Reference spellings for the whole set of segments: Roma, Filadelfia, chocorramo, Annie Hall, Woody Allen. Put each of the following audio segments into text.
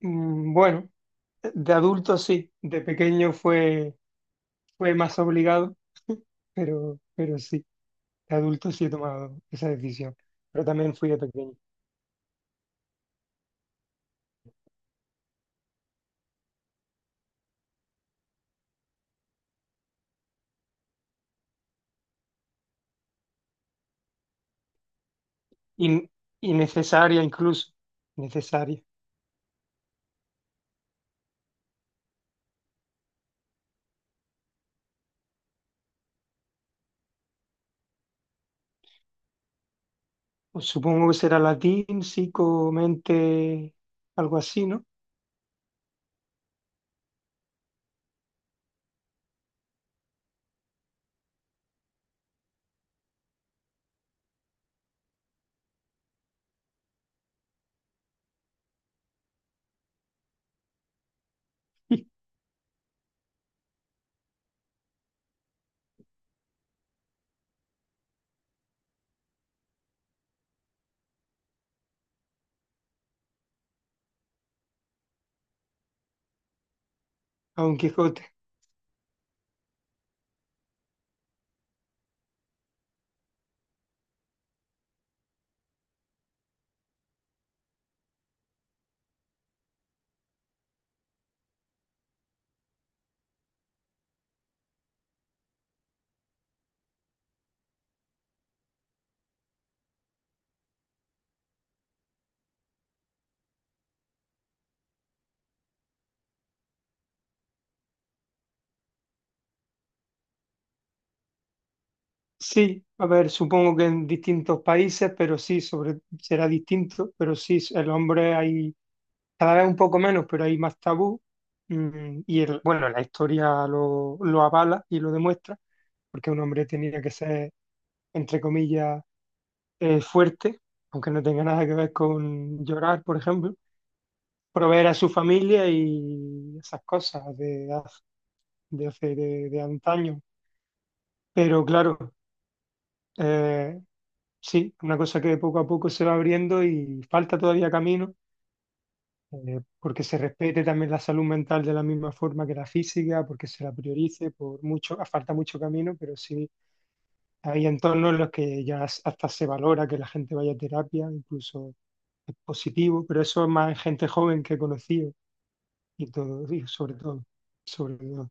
Bueno, de adulto sí, de pequeño fue más obligado, pero sí, de adulto sí he tomado esa decisión, pero también fui de pequeño. In- Innecesaria incluso, necesaria. Pues supongo que será latín, psico, mente, algo así, ¿no? A Don Quijote. Sí, a ver, supongo que en distintos países, pero sí, sobre, será distinto, pero sí, el hombre hay cada vez un poco menos, pero hay más tabú. Bueno, la historia lo avala y lo demuestra, porque un hombre tenía que ser, entre comillas, fuerte, aunque no tenga nada que ver con llorar, por ejemplo, proveer a su familia y esas cosas de hace de antaño. Pero claro, eh, sí, una cosa que poco a poco se va abriendo y falta todavía camino porque se respete también la salud mental de la misma forma que la física, porque se la priorice, por mucho, falta mucho camino, pero sí hay entornos en los que ya hasta se valora que la gente vaya a terapia, incluso es positivo, pero eso es más en gente joven que he conocido y todo, y sobre todo,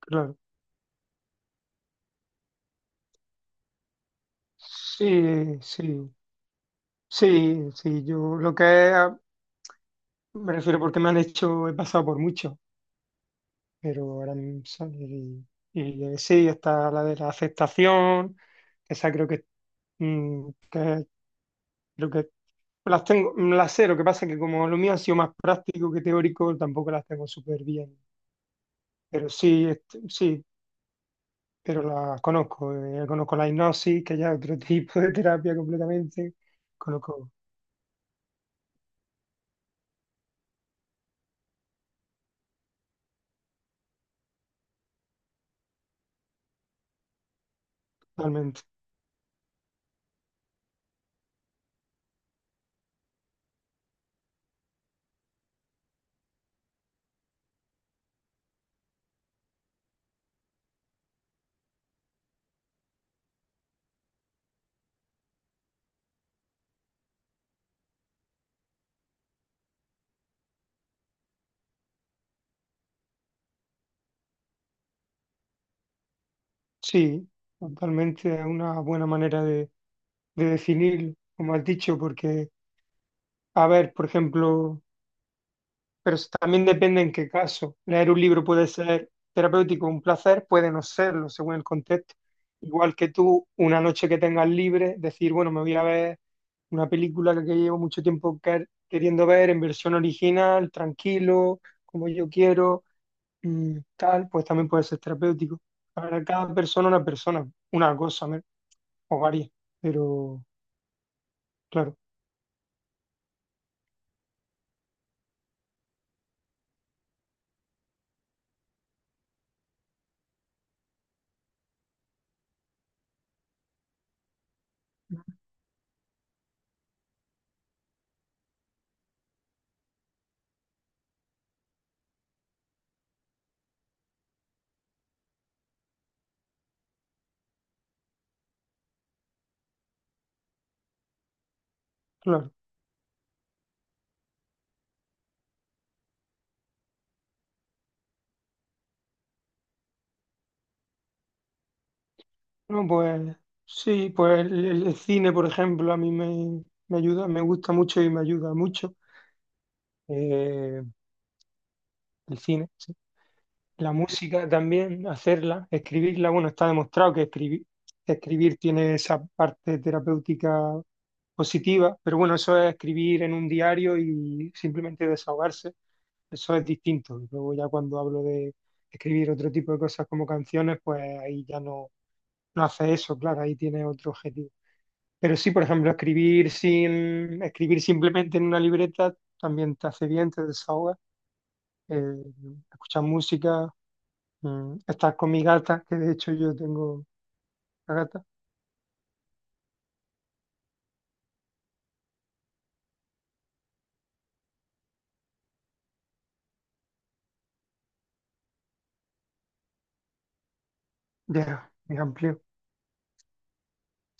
claro. Sí, sí, sí, sí, yo lo que es, me refiero porque me han hecho, he pasado por mucho. Pero ahora mismo, y, sí, está la de la aceptación, esa creo que, creo que las tengo, las sé, lo que pasa es que como lo mío ha sido más práctico que teórico, tampoco las tengo súper bien, pero sí, este, sí, pero las conozco, conozco la hipnosis, que ya es otro tipo de terapia completamente, conozco totalmente, sí, totalmente es una buena manera de definir, como has dicho, porque, a ver, por ejemplo, pero eso también depende en qué caso. Leer un libro puede ser terapéutico, un placer, puede no serlo, según el contexto. Igual que tú, una noche que tengas libre, decir, bueno, me voy a ver una película que llevo mucho tiempo queriendo ver en versión original, tranquilo, como yo quiero, tal, pues también puede ser terapéutico. Para cada persona, una cosa, ¿no? O varias. Pero, claro, claro. No, pues sí, pues el cine, por ejemplo, a mí me ayuda, me gusta mucho y me ayuda mucho. eh, el cine, sí. La música también, hacerla, escribirla, bueno, está demostrado que escribir tiene esa parte terapéutica positiva, pero bueno, eso es escribir en un diario y simplemente desahogarse, eso es distinto. Y luego ya cuando hablo de escribir otro tipo de cosas como canciones, pues ahí ya no, no hace eso, claro, ahí tiene otro objetivo. Pero sí, por ejemplo, escribir sin, escribir simplemente en una libreta también te hace bien, te desahoga. Eh, escuchar música, estar con mi gata, que de hecho yo tengo una gata, ya, mi amplio.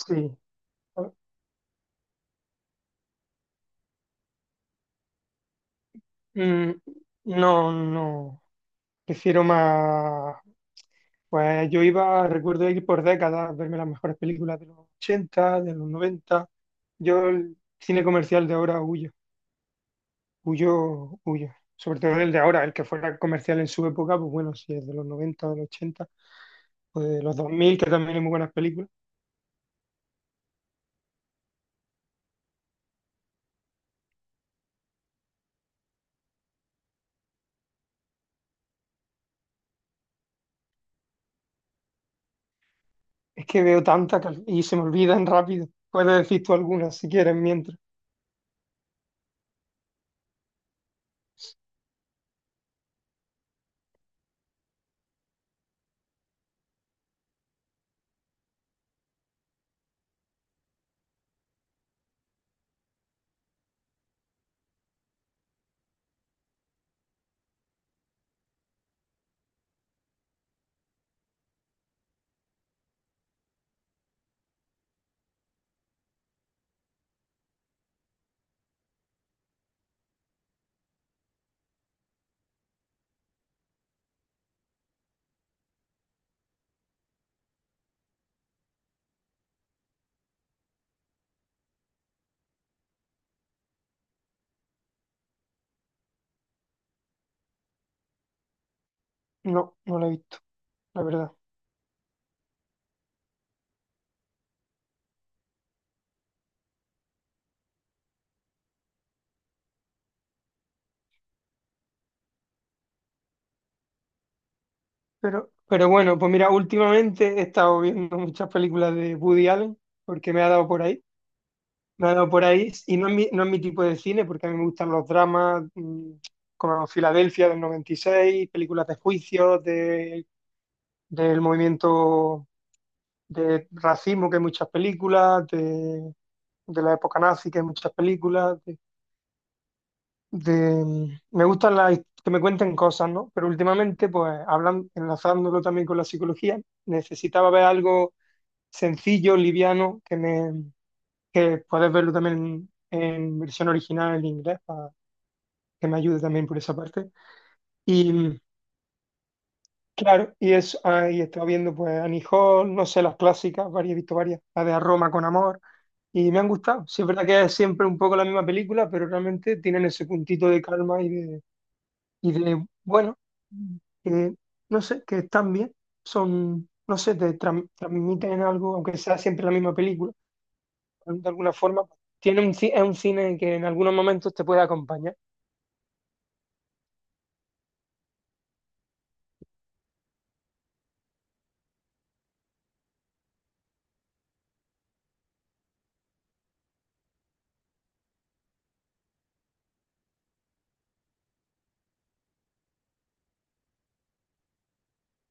Sí. Mm, no, no. Prefiero más. Pues yo iba, recuerdo ir por décadas, a verme las mejores películas de los 80 de los noventa. Yo el cine comercial de ahora huyo. Huyo, huyo. Sobre todo el de ahora, el que fuera comercial en su época, pues bueno, si es de los 90 de los 80 o de los 2000, que también hay muy buenas películas. Es que veo tantas y se me olvidan rápido. Puedes decir tú algunas si quieres mientras. No, no la he visto, la verdad. Pero bueno, pues mira, últimamente he estado viendo muchas películas de Woody Allen porque me ha dado por ahí. Me ha dado por ahí y no es mi tipo de cine porque a mí me gustan los dramas, como Filadelfia del noventa y seis, películas de juicios, de del movimiento de racismo, que hay muchas películas, de la época nazi, que hay muchas películas, me gustan las que me cuenten cosas, ¿no? Pero últimamente, pues, hablan, enlazándolo también con la psicología, necesitaba ver algo sencillo, liviano, que puedes verlo también en versión original en inglés, para que me ayude también por esa parte. y mm, Claro, y es, ahí estaba viendo pues Annie Hall, no sé, las clásicas, varias, he visto varias, la de A Roma con Amor, y me han gustado. Sí, es verdad que es siempre un poco la misma película, pero realmente tienen ese puntito de calma y de bueno, eh, no sé, que están bien, son, no sé, te transmiten algo, aunque sea siempre la misma película, de alguna forma, pues, tiene es un cine que en algunos momentos te puede acompañar.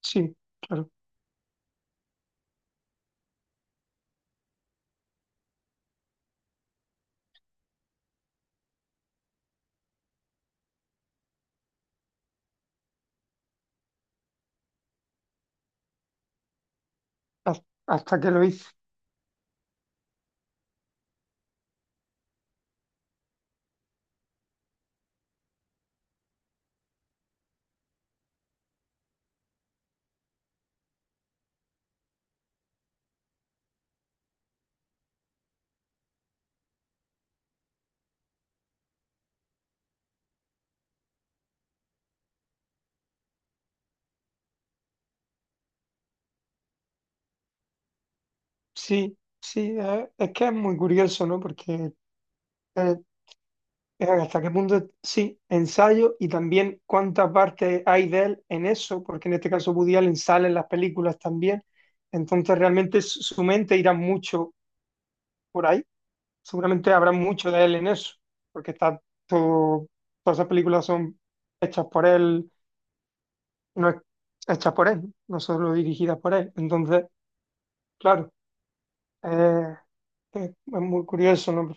Sí, claro, ha- hasta que lo hice. Sí, sí, que es muy curioso, ¿no? Porque eh, hasta qué punto, sí, ensayo y también cuánta parte hay de él en eso, porque en este caso Woody Allen sale en las películas también, entonces realmente su mente irá mucho por ahí, seguramente habrá mucho de él en eso, porque está todo, todas esas películas son hechas por él, no es- hechas por él, no solo dirigidas por él, entonces, claro, eh, es muy curioso, ¿no?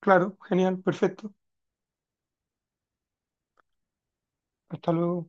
Claro, genial, perfecto. Hasta luego.